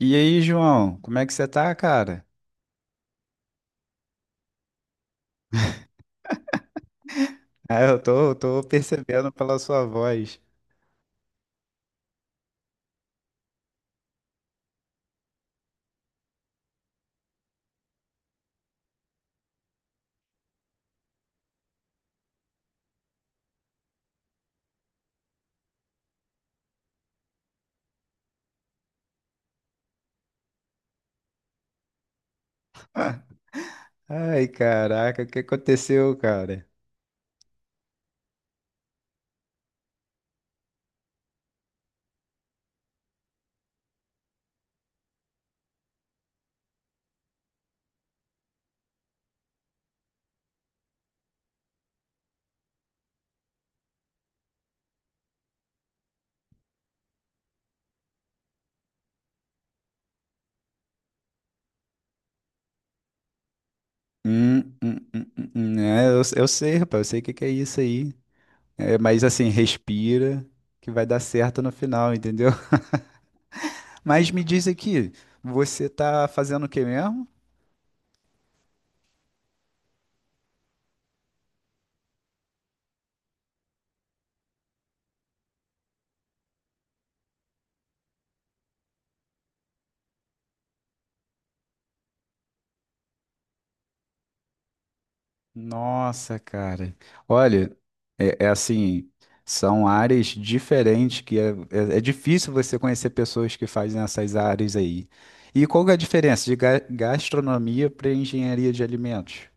E aí, João, como é que você tá, cara? Ah, eu tô percebendo pela sua voz. Ai, caraca, o que aconteceu, cara? É, eu sei, rapaz, eu sei o que que é isso aí. É, mas assim, respira, que vai dar certo no final, entendeu? Mas me diz aqui, você tá fazendo o que mesmo? Nossa, cara. Olha, é assim, são áreas diferentes que é difícil você conhecer pessoas que fazem essas áreas aí. E qual que é a diferença de gastronomia para engenharia de alimentos?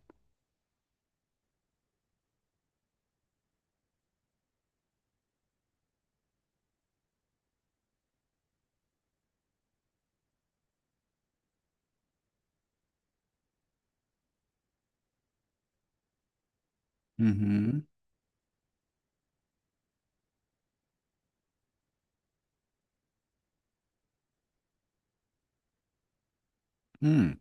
Uhum. Hum.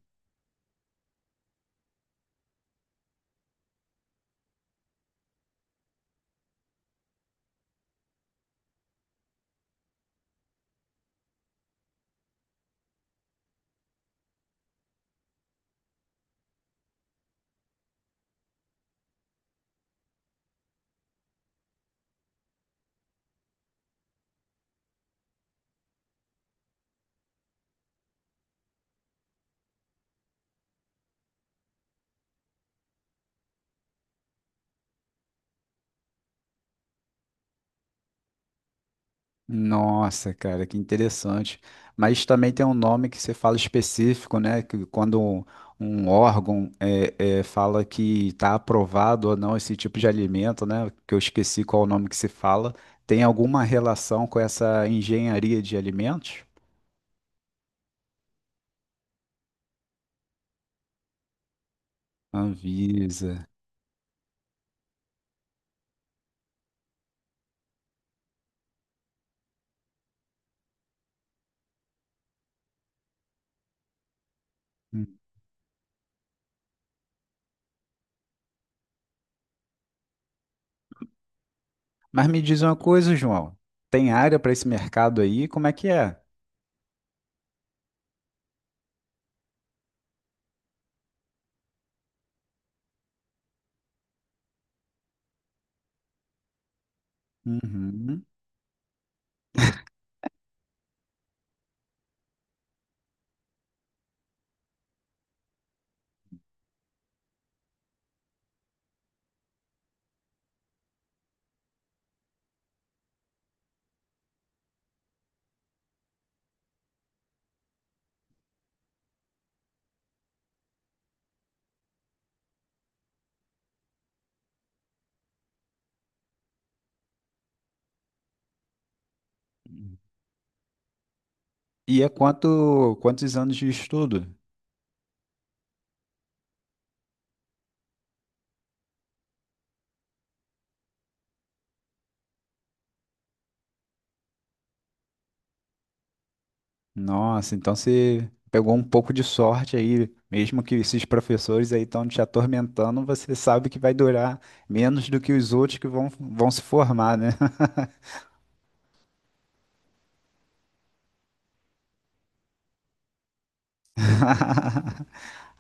Nossa, cara, que interessante. Mas também tem um nome que você fala específico, né? Que quando um órgão fala que está aprovado ou não esse tipo de alimento, né? Que eu esqueci qual o nome que se fala. Tem alguma relação com essa engenharia de alimentos? Anvisa. Hum. Mas me diz uma coisa, João. Tem área para esse mercado aí? Como é que é? Uhum. E é quantos anos de estudo? Nossa, então você pegou um pouco de sorte aí, mesmo que esses professores aí estão te atormentando, você sabe que vai durar menos do que os outros que vão se formar, né?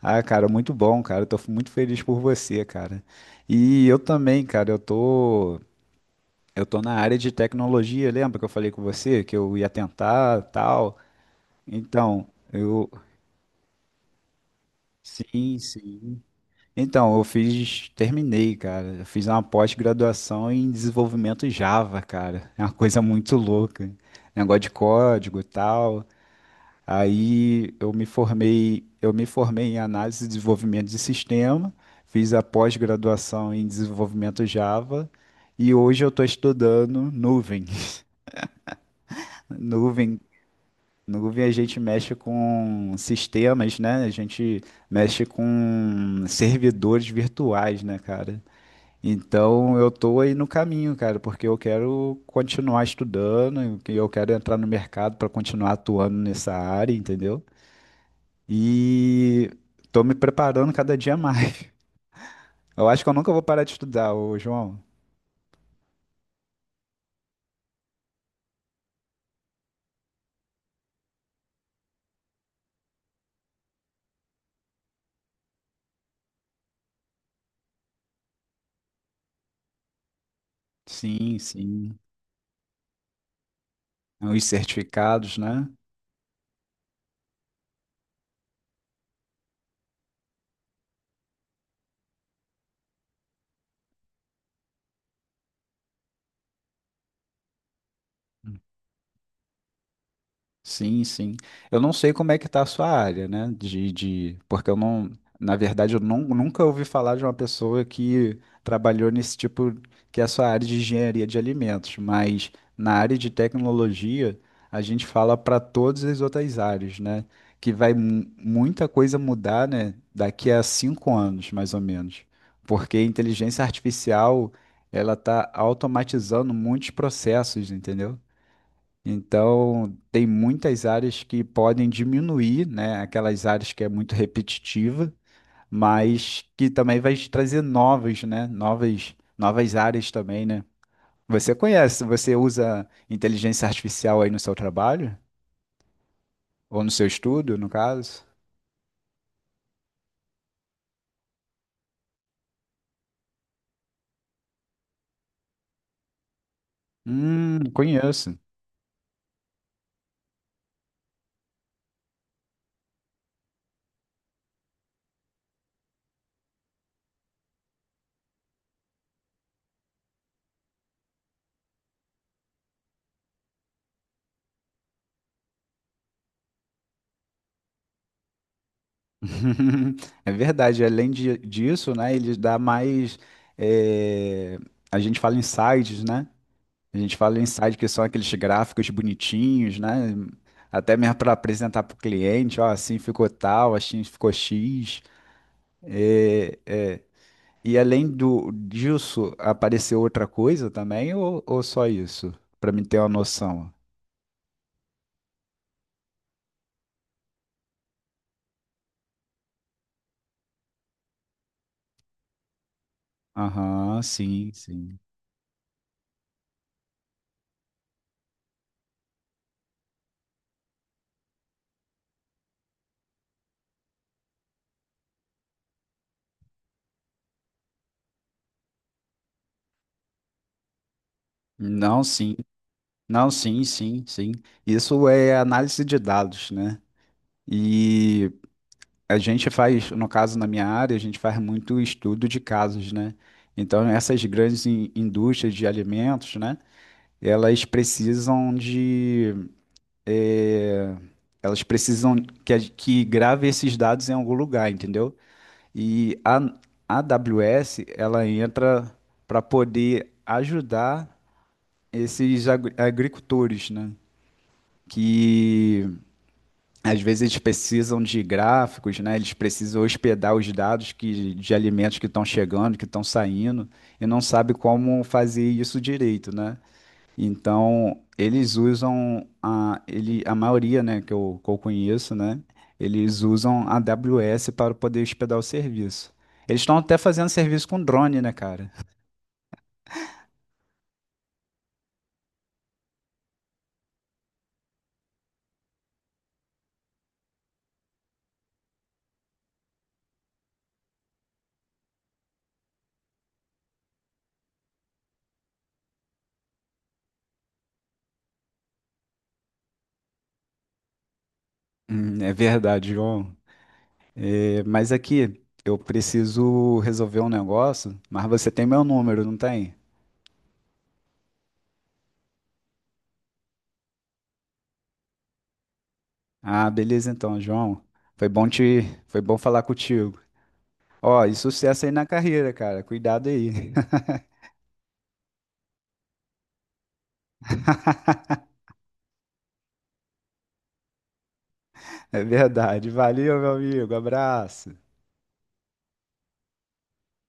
Ah, cara, muito bom, cara. Eu tô muito feliz por você, cara. E eu também, cara, eu tô na área de tecnologia, lembra que eu falei com você que eu ia tentar, tal? Então, eu. Sim, sim. Então, eu fiz, terminei, cara. Eu fiz uma pós-graduação em desenvolvimento Java, cara. É uma coisa muito louca. Negócio de código e tal. Aí eu me formei em análise e desenvolvimento de sistema, fiz a pós-graduação em desenvolvimento Java e hoje eu estou estudando nuvem. Nuvem, nuvem a gente mexe com sistemas, né? A gente mexe com servidores virtuais, né, cara? Então eu tô aí no caminho, cara, porque eu quero continuar estudando, e eu quero entrar no mercado para continuar atuando nessa área, entendeu? E tô me preparando cada dia mais. Eu acho que eu nunca vou parar de estudar, ô João. Sim, sim. Os certificados, né? Sim, sim. Eu não sei como é que tá a sua área, né? De... Porque eu não, na verdade, eu não, nunca ouvi falar de uma pessoa que trabalhou nesse tipo, que é a sua área de engenharia de alimentos, mas na área de tecnologia, a gente fala para todas as outras áreas, né? Que vai muita coisa mudar, né? Daqui a cinco anos, mais ou menos. Porque a inteligência artificial, ela tá automatizando muitos processos, entendeu? Então, tem muitas áreas que podem diminuir, né, aquelas áreas que é muito repetitiva, mas que também vai te trazer novas, né, novas áreas também, né? Você conhece, você usa inteligência artificial aí no seu trabalho? Ou no seu estudo, no caso? Conheço. É verdade. Além disso, né, ele dá mais, eh, a gente fala insights, né? A gente fala em site que são aqueles gráficos bonitinhos, né? Até mesmo para apresentar para o cliente, ó, assim ficou tal, assim ficou X. É, é. E além do, disso, apareceu outra coisa também, ou só isso? Para mim ter uma noção. Aham, sim, sim. Não, sim. Não, sim, sim, sim. Isso é análise de dados, né? E a gente faz, no caso, na minha área, a gente faz muito estudo de casos, né? Então, essas grandes indústrias de alimentos, né? Elas precisam de, eh, elas precisam que grave esses dados em algum lugar, entendeu? E a AWS, ela entra para poder ajudar esses agricultores, né? Que às vezes eles precisam de gráficos, né? Eles precisam hospedar os dados que, de alimentos que estão chegando, que estão saindo, e não sabe como fazer isso direito, né? Então, eles usam a, ele, a maioria, né, que eu conheço, né? Eles usam a AWS para poder hospedar o serviço. Eles estão até fazendo serviço com drone, né, cara? É verdade, João. É, mas aqui, eu preciso resolver um negócio, mas você tem meu número, não tem? Ah, beleza então, João. Foi bom te, foi bom falar contigo. Ó, e sucesso aí na carreira, cara. Cuidado aí. É verdade. Valeu, meu amigo. Abraço.